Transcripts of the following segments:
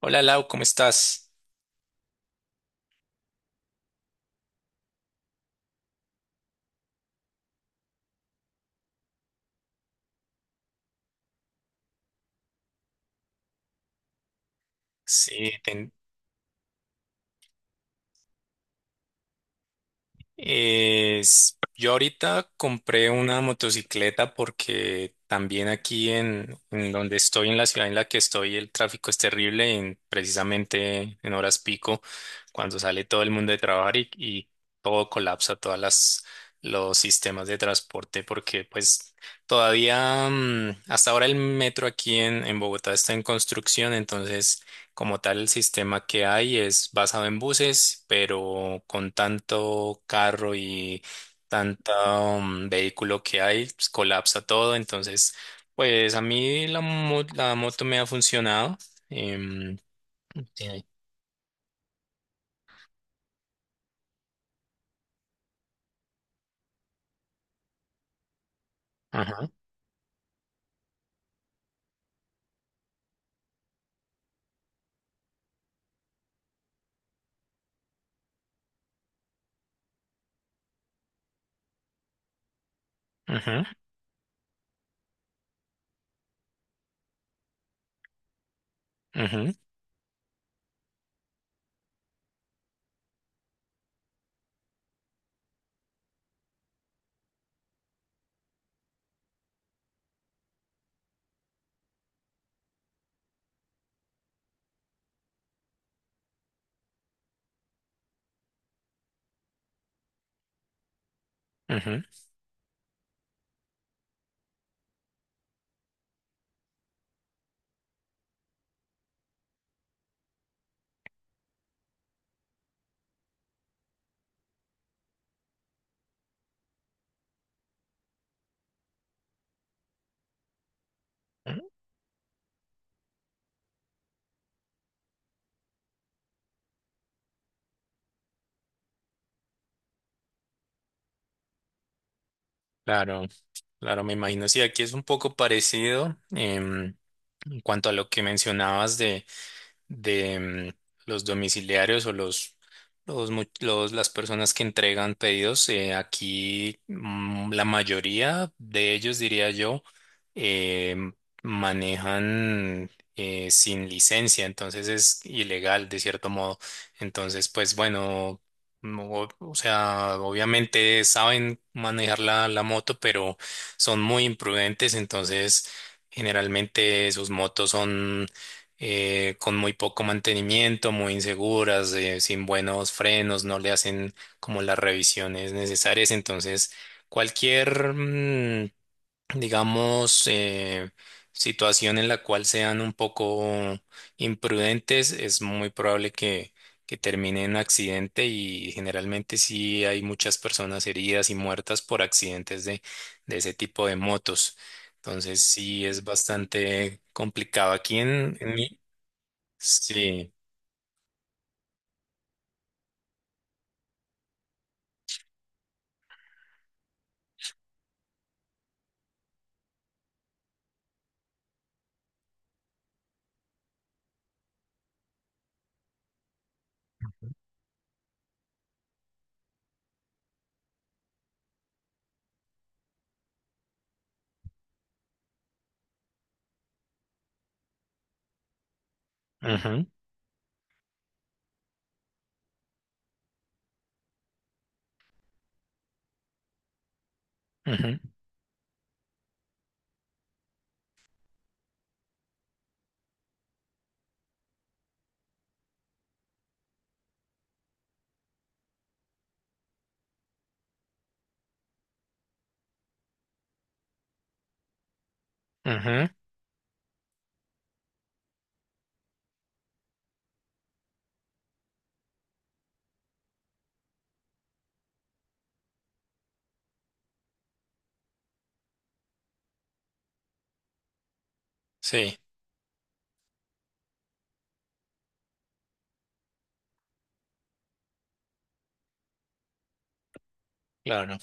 Hola Lau, ¿cómo estás? Sí, ten- yo ahorita compré una motocicleta porque también aquí en donde estoy, en la ciudad en la que estoy, el tráfico es terrible precisamente en horas pico, cuando sale todo el mundo de trabajar y todo colapsa, todas las los sistemas de transporte, porque pues todavía hasta ahora el metro aquí en Bogotá está en construcción, entonces como tal, el sistema que hay es basado en buses, pero con tanto carro y tanto vehículo que hay, pues, colapsa todo. Entonces, pues a mí la moto me ha funcionado. em, Sí. Ajá, ajá, ajá, ajá. Claro, claro, me imagino. Sí, aquí es un poco parecido, en cuanto a lo que mencionabas de los domiciliarios o las personas que entregan pedidos. Aquí, la mayoría de ellos, diría yo, eh, manejan sin licencia, entonces es ilegal de cierto modo. Entonces, pues bueno, no, o sea, obviamente saben manejar la moto, pero son muy imprudentes, entonces... Generalmente sus motos son, con muy poco mantenimiento, muy inseguras, sin buenos frenos, no le hacen como las revisiones necesarias. Entonces, cualquier, digamos, situación en la cual sean un poco imprudentes, es muy probable que termine en accidente y generalmente sí hay muchas personas heridas y muertas por accidentes de ese tipo de motos. Entonces sí es bastante complicado. Aquí en mi, sí. Ujú, ujú, ujú. Sí, claro.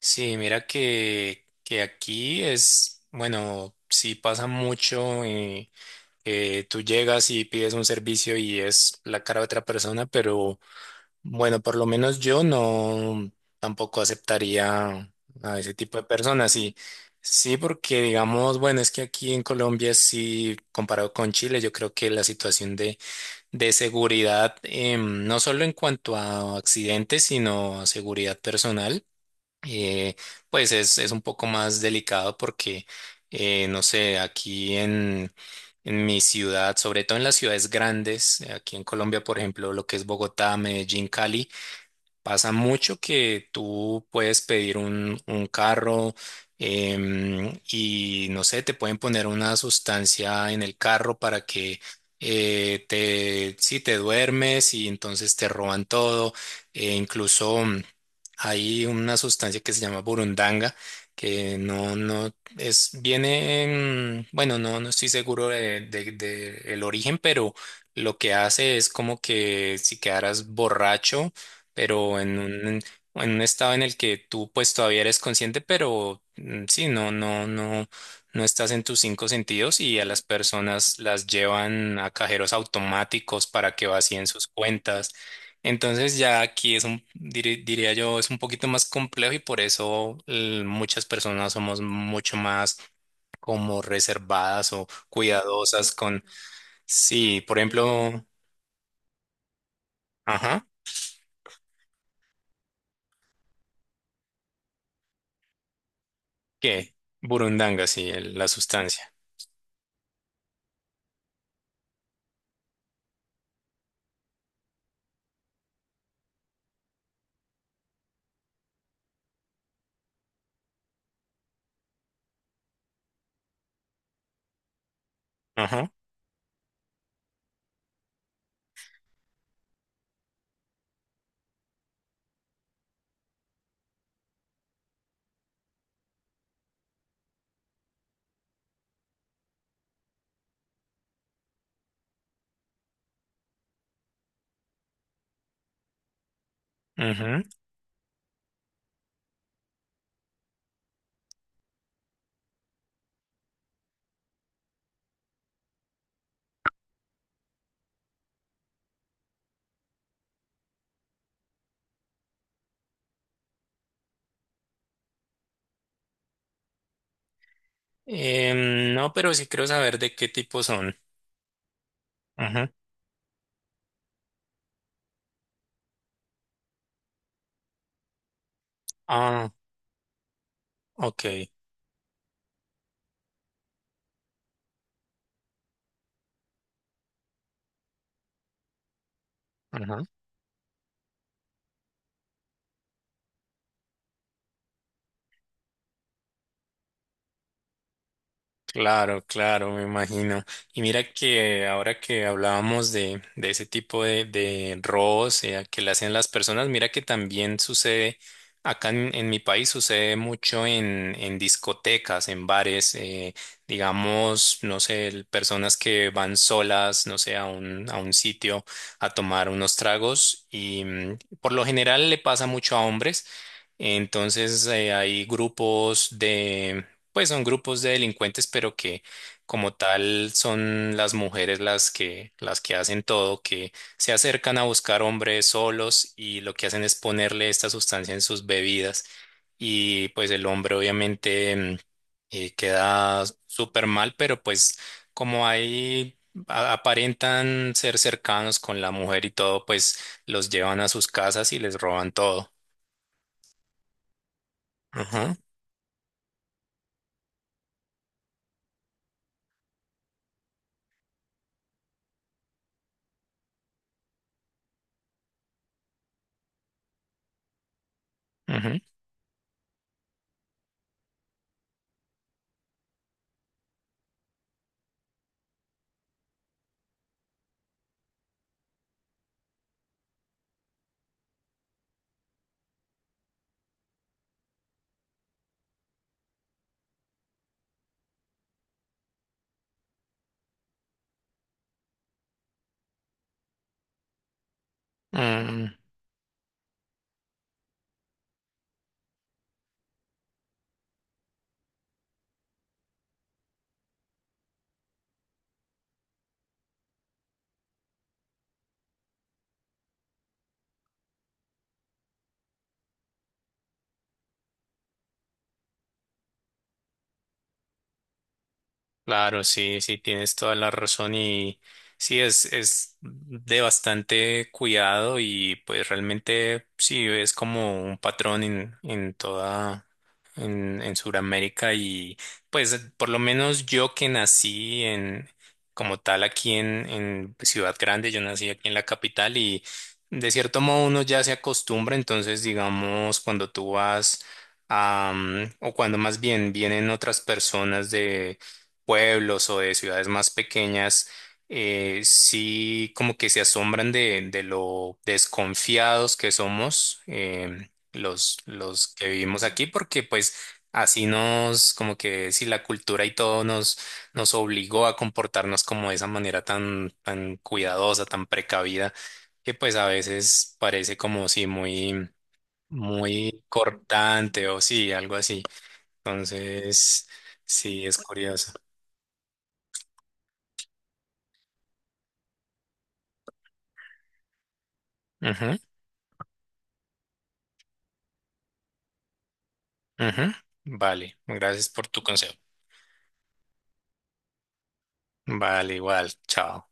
Sí, mira que aquí es, bueno, sí pasa mucho, tú llegas y pides un servicio y es la cara de otra persona, pero bueno, por lo menos yo no tampoco aceptaría a ese tipo de personas. Sí, sí, porque digamos, bueno, es que aquí en Colombia sí, comparado con Chile, yo creo que la situación de seguridad, no solo en cuanto a accidentes, sino a seguridad personal, eh, pues es un poco más delicado porque, no sé, aquí en mi ciudad, sobre todo en las ciudades grandes, aquí en Colombia, por ejemplo, lo que es Bogotá, Medellín, Cali, pasa mucho que tú puedes pedir un carro, y no sé, te pueden poner una sustancia en el carro para que si te duermes y entonces te roban todo. E incluso, hay una sustancia que se llama burundanga que no es, bueno, no, no estoy seguro de el origen, pero lo que hace es como que si quedaras borracho pero en en un estado en el que tú pues todavía eres consciente, pero sí, no estás en tus cinco sentidos y a las personas las llevan a cajeros automáticos para que vacíen sus cuentas. Entonces ya aquí es un, diría yo, es un poquito más complejo y por eso muchas personas somos mucho más como reservadas o cuidadosas con, sí, por ejemplo, ajá, ¿qué? Burundanga, sí, la sustancia. Ajá. Ujú. No, pero sí quiero saber de qué tipo son. Ujú. Ah, ok. Ajá. Claro, claro, me imagino. Y mira que ahora que hablábamos de ese tipo de robos, que le hacen las personas, mira que también sucede, acá en mi país sucede mucho en discotecas, en bares, digamos, no sé, personas que van solas, no sé, a a un sitio a tomar unos tragos y, por lo general le pasa mucho a hombres. Entonces, hay grupos, pues son grupos de delincuentes, pero que como tal son las mujeres las las que hacen todo, que se acercan a buscar hombres solos y lo que hacen es ponerle esta sustancia en sus bebidas y pues el hombre obviamente, queda súper mal, pero pues como ahí aparentan ser cercanos con la mujer y todo, pues los llevan a sus casas y les roban todo. Ajá, ujú. Mm. Claro, sí, sí, tienes toda la razón y sí, es de bastante cuidado y pues realmente sí, es como un patrón en Sudamérica y pues por lo menos yo que nací en, como tal aquí en Ciudad Grande, yo nací aquí en la capital y de cierto modo uno ya se acostumbra, entonces digamos cuando tú vas... a, o cuando más bien vienen otras personas, pueblos o de ciudades más pequeñas, sí como que se asombran de lo desconfiados que somos, los que vivimos aquí, porque pues así nos, como que si la cultura y todo nos, nos obligó a comportarnos como de esa manera tan cuidadosa, tan precavida, que pues a veces parece como si muy cortante o sí, algo así. Entonces, sí, es curioso. Ujú. Vale, gracias por tu consejo. Vale, igual, chao.